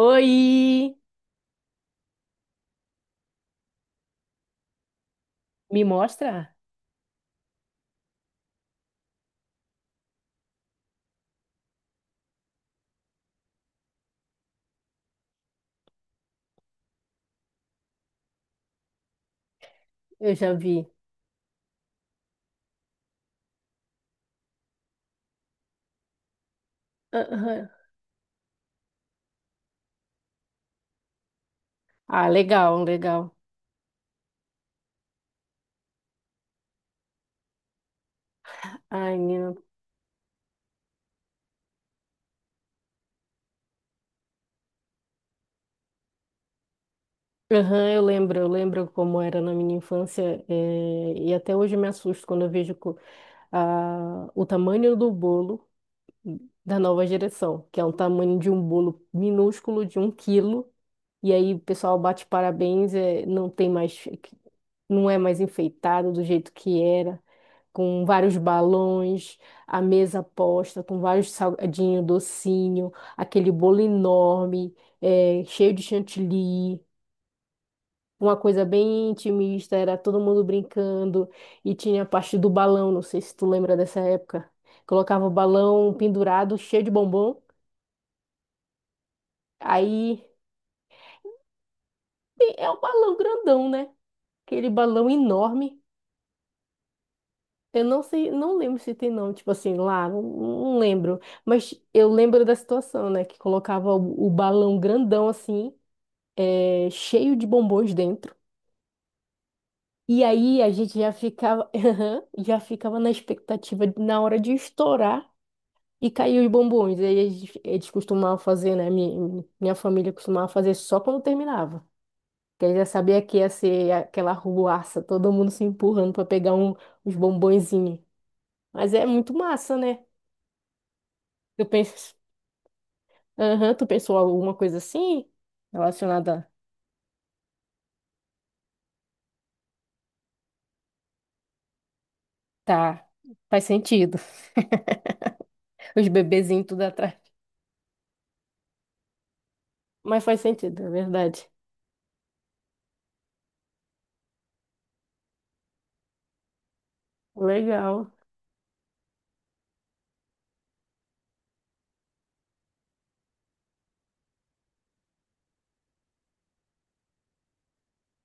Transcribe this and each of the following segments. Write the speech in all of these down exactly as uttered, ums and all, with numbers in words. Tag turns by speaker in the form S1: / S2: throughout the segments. S1: Oi! Me mostra? Eu já vi. Aham. Ah, legal, legal. Ai, menina. Aham, eu lembro, eu lembro como era na minha infância, eh, e até hoje me assusto quando eu vejo co- a- o tamanho do bolo da nova geração, que é um tamanho de um bolo minúsculo de um quilo. E aí o pessoal bate parabéns, é, não tem mais, não é mais enfeitado do jeito que era, com vários balões, a mesa posta, com vários salgadinho, docinho, aquele bolo enorme, é, cheio de chantilly. Uma coisa bem intimista, era todo mundo brincando e tinha a parte do balão, não sei se tu lembra dessa época. Colocava o balão pendurado, cheio de bombom. Aí é um balão grandão, né? Aquele balão enorme. Eu não sei, não lembro se tem nome, tipo assim, lá, não, não lembro. Mas eu lembro da situação, né? Que colocava o, o balão grandão, assim, é, cheio de bombons dentro. E aí a gente já ficava, já ficava na expectativa de- na hora de estourar e cair os bombons. Aí eles, eles costumavam fazer, né? Minha, minha família costumava fazer só quando terminava. Porque aí já sabia que ia ser aquela ruaça, todo mundo se empurrando para pegar um, uns bombonzinhos. Mas é muito massa, né? Eu penso. Aham, tu pensou alguma coisa assim? Relacionada. Tá, faz sentido. Os bebezinhos tudo atrás. Mas faz sentido, é verdade. Legal.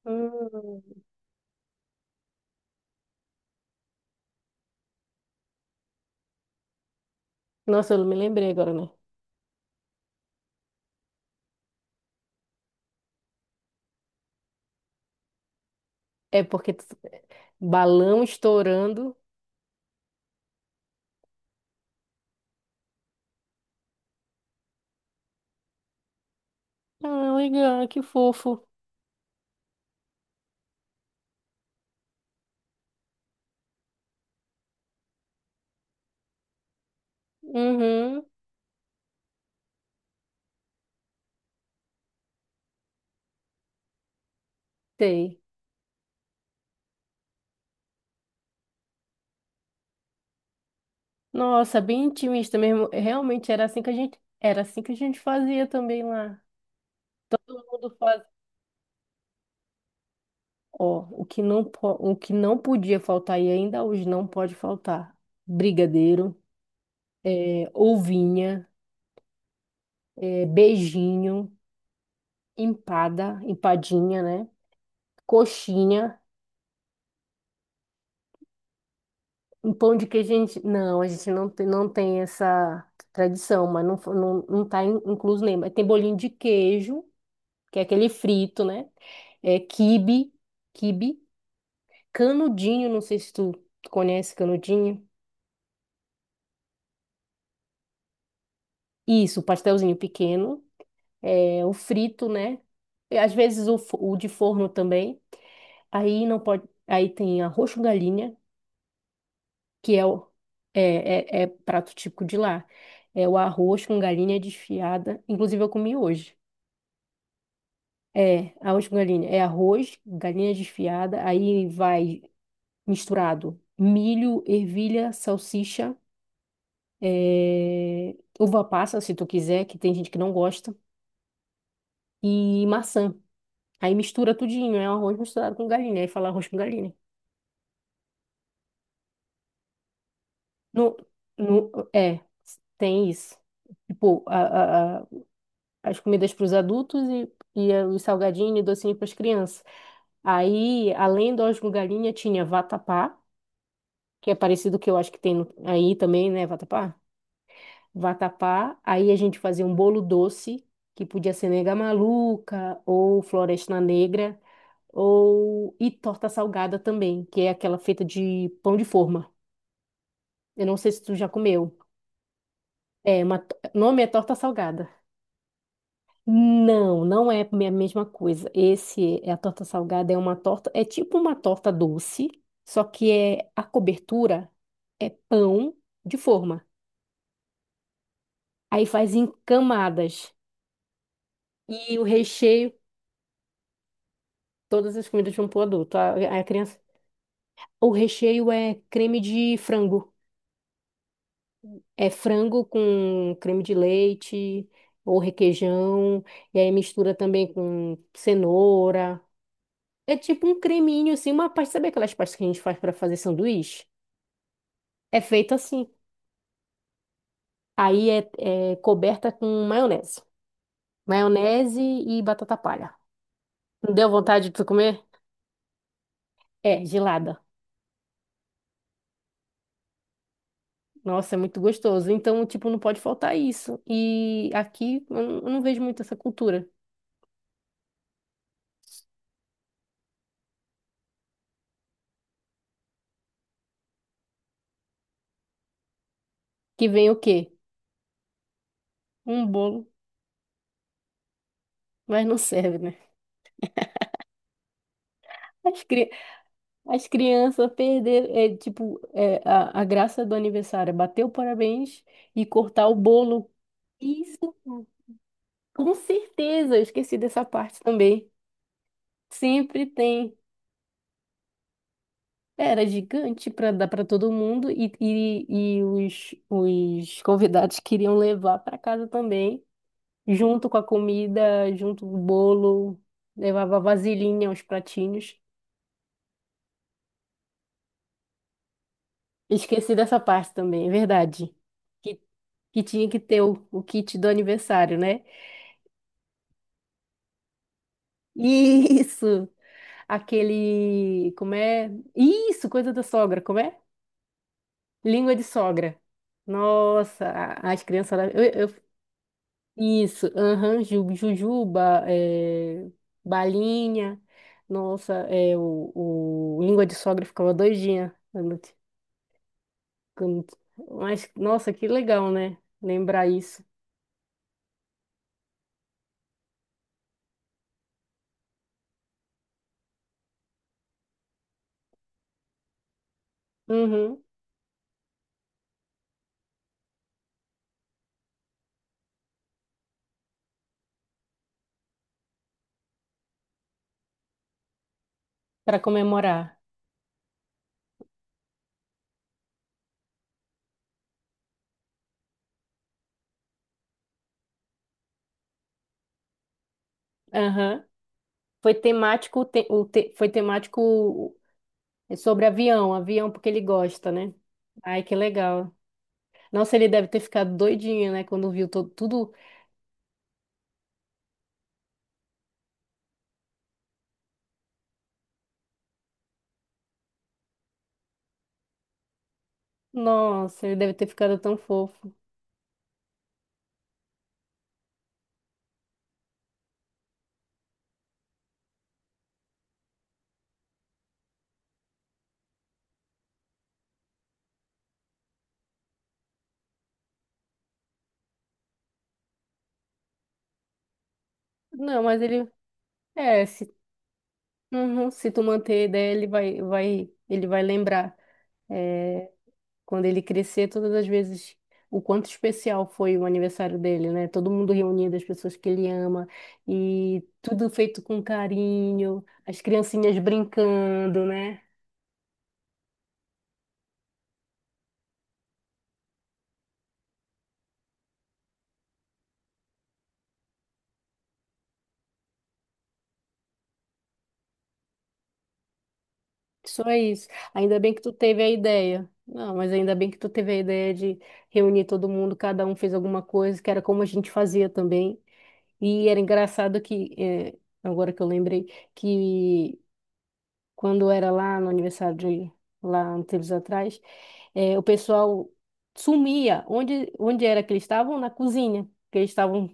S1: Hum. Nossa, eu não me lembrei agora, né? É porque tu- balão estourando. Ah, legal, que fofo. Uhum, sei. Nossa, bem intimista mesmo. Realmente era assim que a gente, era assim que a gente fazia também lá. Todo mundo. Ó, o que não, po- o que não podia faltar e ainda hoje não pode faltar: brigadeiro, é, ovinha, é, beijinho, empada, empadinha, né? Coxinha, um pão de queijo. A gente, não, a gente não tem, não tem essa tradição, mas não, fo- não, não tá in- incluso nem. Mas tem bolinho de queijo, que é aquele frito, né? É, quibe, quibe, canudinho, não sei se tu conhece canudinho. Isso, pastelzinho pequeno. É, o frito, né? E às vezes o, fo- o de forno também. Aí não pode, aí tem arroz com galinha, que é, o- é, é, é prato típico de lá. É o arroz com galinha desfiada. Inclusive eu comi hoje. É, arroz com galinha. É arroz, galinha desfiada, aí vai misturado milho, ervilha, salsicha, é, uva passa, se tu quiser, que tem gente que não gosta, e maçã. Aí mistura tudinho, é um arroz misturado com galinha. Aí fala arroz com galinha. No, no, é, tem isso. Tipo, a, a- a- as comidas para os adultos e, e eh, os salgadinhos e docinho para as crianças. Aí, além do arroz com galinha, tinha vatapá, que é parecido que eu acho que tem no- aí também, né, vatapá? Vatapá. Aí a gente fazia um bolo doce, que podia ser nega maluca ou floresta negra, ou e torta salgada também, que é aquela feita de pão de forma. Eu não sei se tu já comeu. É, uma, to- o nome é torta salgada. Não, não é a mesma coisa. Esse é a torta salgada, é uma torta, é tipo uma torta doce, só que é a cobertura é pão de forma. Aí faz em camadas e o recheio, todas as comidas vão pro adulto. A, a criança, o recheio é creme de frango. É frango com creme de leite ou requeijão, e aí mistura também com cenoura. É tipo um creminho, assim, uma pasta. Sabe aquelas pastas que a gente faz para fazer sanduíche? É feito assim. Aí é, é coberta com maionese. Maionese e batata palha. Não deu vontade de tu comer? É, gelada. Nossa, é muito gostoso. Então, tipo, não pode faltar isso. E aqui eu não eu não vejo muito essa cultura. Que vem o quê? Um bolo, mas não serve, né? As, cri... As crianças perderam, é, tipo, é, a, a graça do aniversário é bater o parabéns e cortar o bolo. Isso. Com certeza, eu esqueci dessa parte também. Sempre tem. Era gigante para dar para todo mundo e, e, e os, os convidados queriam levar para casa também, junto com a comida, junto com o bolo, levava vasilhinha, os pratinhos. Esqueci dessa parte também, é verdade. Que, que tinha que ter o, o kit do aniversário, né? Isso! Aquele. Como é? Isso, coisa da sogra, como é? Língua de sogra. Nossa, a- as crianças lá. Eu, eu- isso, aham, ju- jujuba, é, balinha. Nossa, é, o, o língua de sogra ficava doidinha. quando t- quando t- Mas, nossa, que legal, né? Lembrar isso. Uhum, para comemorar. Aham. Foi temático, o te- o te- foi temático, é, sobre avião, avião porque ele gosta, né? Ai, que legal. Nossa, ele deve ter ficado doidinho, né? Quando viu to- tudo. Nossa, ele deve ter ficado tão fofo. Não, mas ele. É, se, uhum, se tu manter a ideia, ele vai, vai, ele vai lembrar. É, quando ele crescer, todas as vezes o quanto especial foi o aniversário dele, né? Todo mundo reunido, as pessoas que ele ama, e tudo feito com carinho, as criancinhas brincando, né? Só isso. Ainda bem que tu teve a ideia. Não, mas ainda bem que tu teve a ideia de reunir todo mundo, cada um fez alguma coisa, que era como a gente fazia também. E era engraçado que, eh, agora que eu lembrei, que quando eu era lá no aniversário de lá uns tempos atrás, eh, o pessoal sumia. Onde, onde era que eles estavam? Na cozinha. Que eles estavam,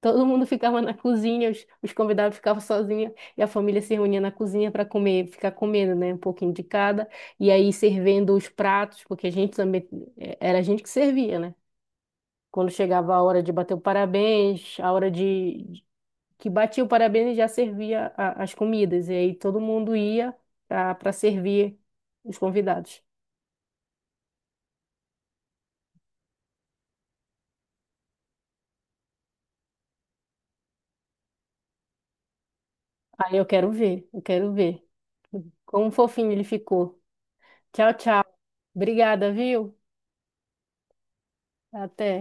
S1: todo mundo ficava na cozinha, os, os convidados ficavam sozinhos e a família se reunia na cozinha para comer, ficar comendo, né? Um pouquinho de cada. E aí servindo os pratos, porque a gente também, eh, era a gente que servia, né? Quando chegava a hora de bater o parabéns, a hora de que batia o parabéns e já servia a- as comidas. E aí todo mundo ia para servir os convidados. Aí eu quero ver, eu quero ver. Como fofinho ele ficou. Tchau, tchau. Obrigada, viu? Até.